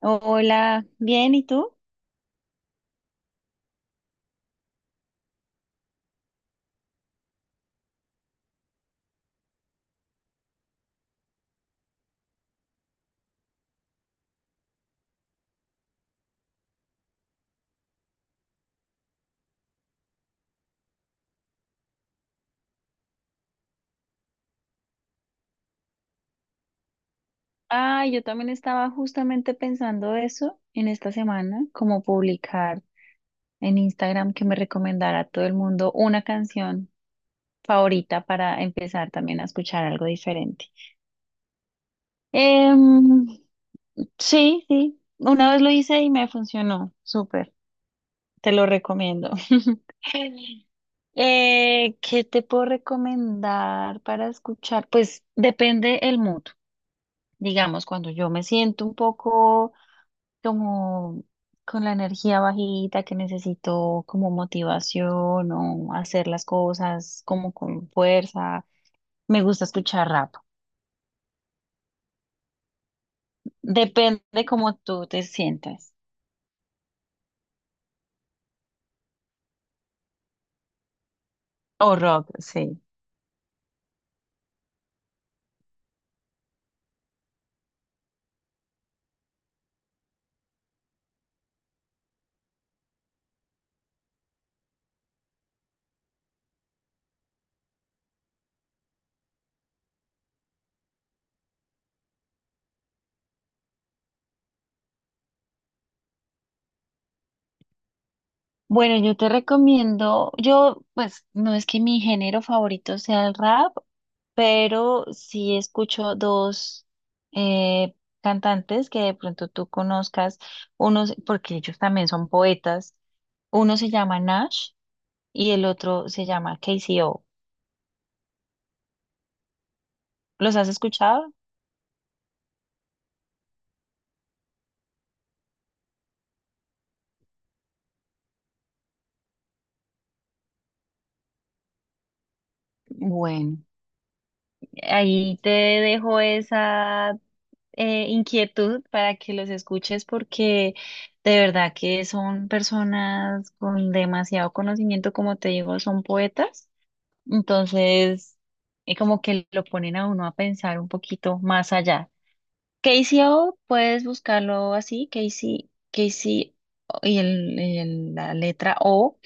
Hola, bien, ¿y tú? Ah, yo también estaba justamente pensando eso en esta semana, como publicar en Instagram que me recomendara a todo el mundo una canción favorita para empezar también a escuchar algo diferente. Em, sí, sí, una vez lo hice y me funcionó, súper, te lo recomiendo. ¿Qué te puedo recomendar para escuchar? Pues depende el mood. Digamos, cuando yo me siento un poco como con la energía bajita, que necesito como motivación o hacer las cosas como con fuerza, me gusta escuchar rap. Depende cómo tú te sientas. O rock, sí. Bueno, yo te recomiendo, yo pues no es que mi género favorito sea el rap, pero sí escucho dos eh, cantantes que de pronto tú conozcas, unos, porque ellos también son poetas, uno se llama Nash y el otro se llama K C O. ¿Los has escuchado? Bueno. Ahí te dejo esa inquietud para que los escuches porque de verdad que son personas con demasiado conocimiento, como te digo, son poetas. Entonces, como que lo ponen a uno a pensar un poquito más allá. Casey O puedes buscarlo así, Casey Casey y la letra O.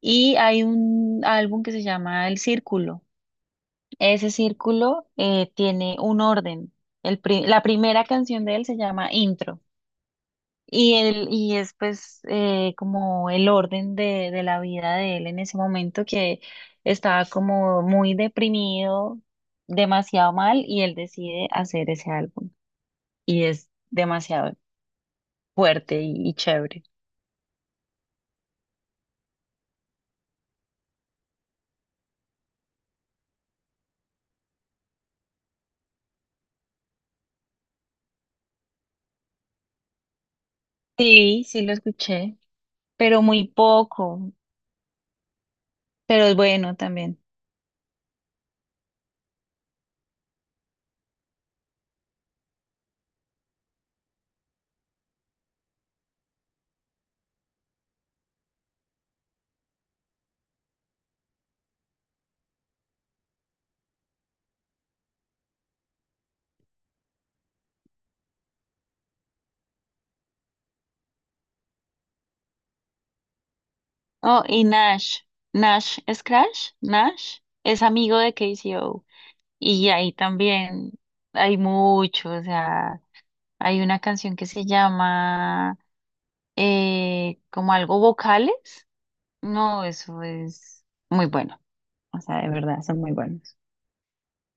Y hay un álbum que se llama El Círculo. Ese círculo tiene un orden. La primera canción de él se llama Intro y, él, y es pues como el orden de la vida de él en ese momento que estaba como muy deprimido, demasiado mal y él decide hacer ese álbum y es demasiado fuerte y chévere. Sí, sí lo escuché, pero muy poco, pero es bueno también. Oh, y Nash. Nash es Crash. Nash es amigo de K C O. Y ahí también hay mucho. O sea, hay una canción que se llama como algo vocales. No, eso es muy bueno. O sea, de verdad, son muy buenos.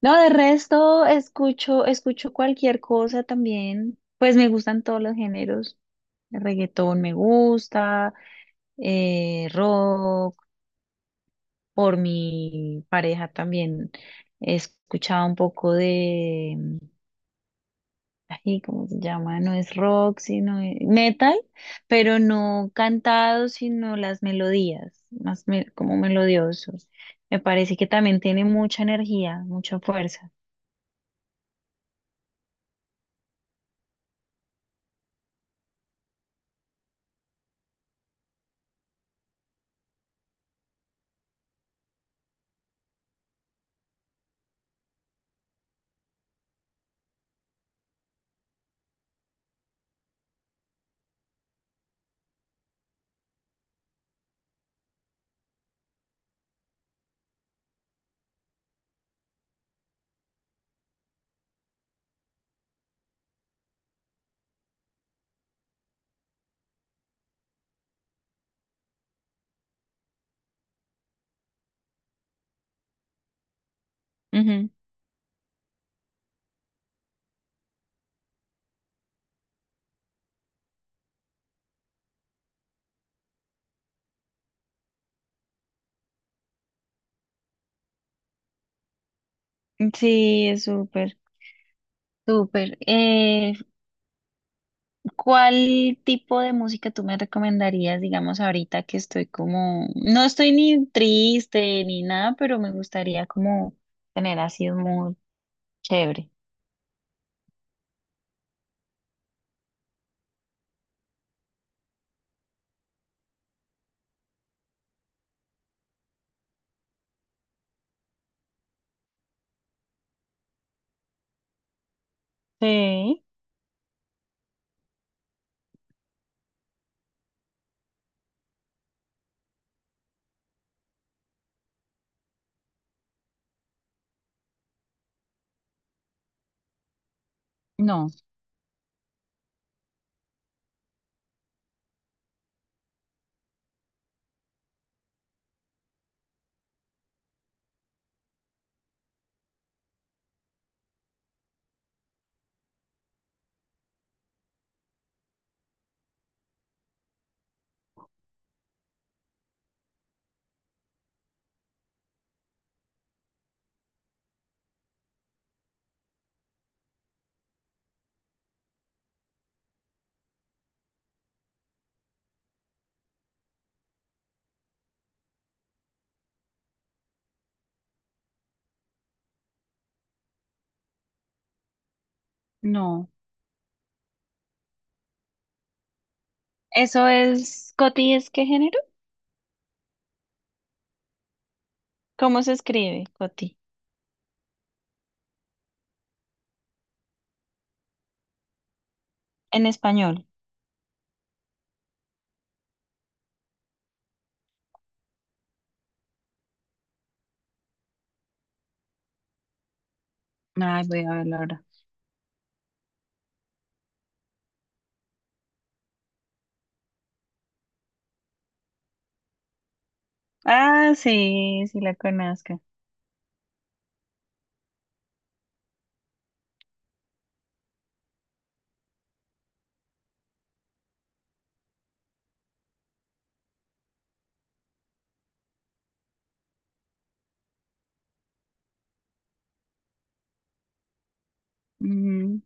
No, de resto escucho, escucho cualquier cosa también. Pues me gustan todos los géneros. El reggaetón me gusta, rock. Por mi pareja también he escuchado un poco de, ay, ¿cómo se llama? No es rock, sino metal, pero no cantado, sino las melodías, como melodiosos. Me parece que también tiene mucha energía, mucha fuerza. Ujú. Sí, es súper, súper. ¿Cuál tipo de música tú me recomendarías, digamos, ahorita que estoy como, no estoy ni triste ni nada, pero me gustaría como tener así un mood chévere? Sí, no, no. ¿Eso es, Coti, es qué género? ¿Cómo se escribe, Coti? En español. Ay, voy a verlo ahora. Ah, sí, sí la conozco. Ujú.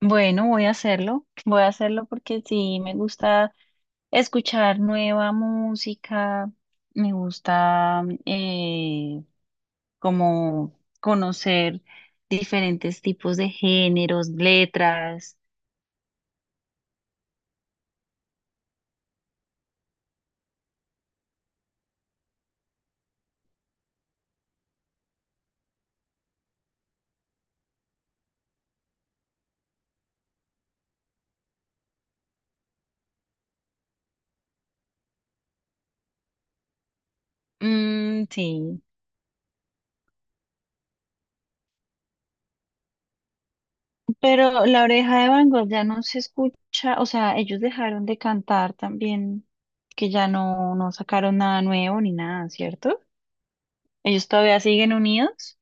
Bueno, voy a hacerlo. Voy a hacerlo porque sí me gusta escuchar nueva música, me gusta como conocer diferentes tipos de géneros, letras. Mm, sí, pero La Oreja de Van Gogh ya no se escucha, o sea, ellos dejaron de cantar también, que ya no, no sacaron nada nuevo ni nada, ¿cierto? Ellos todavía siguen unidos.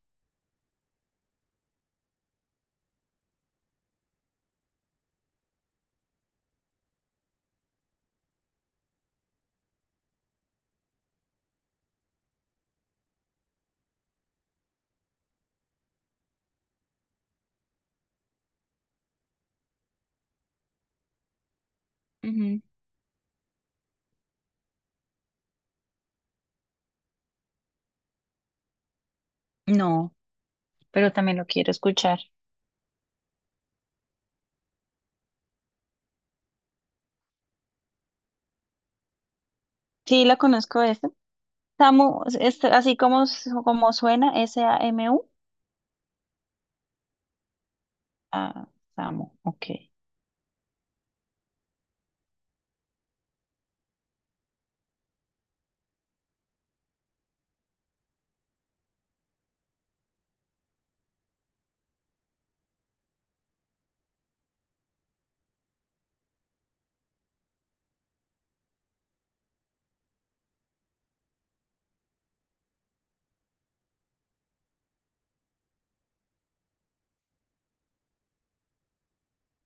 Ujú. No, pero también lo quiero escuchar. Sí, la conozco esa. Samu, es así como, como suena, SAMU. Ah, Samu, ok.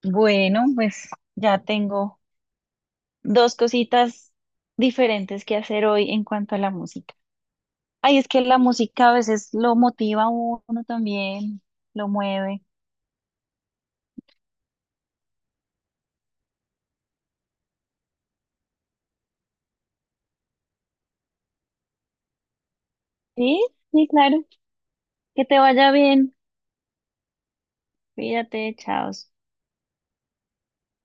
Bueno, pues ya tengo dos cositas diferentes que hacer hoy en cuanto a la música. Ay, es que la música a veces lo motiva a uno también, lo mueve. Sí, sí, claro. Que te vaya bien. Cuídate, chao.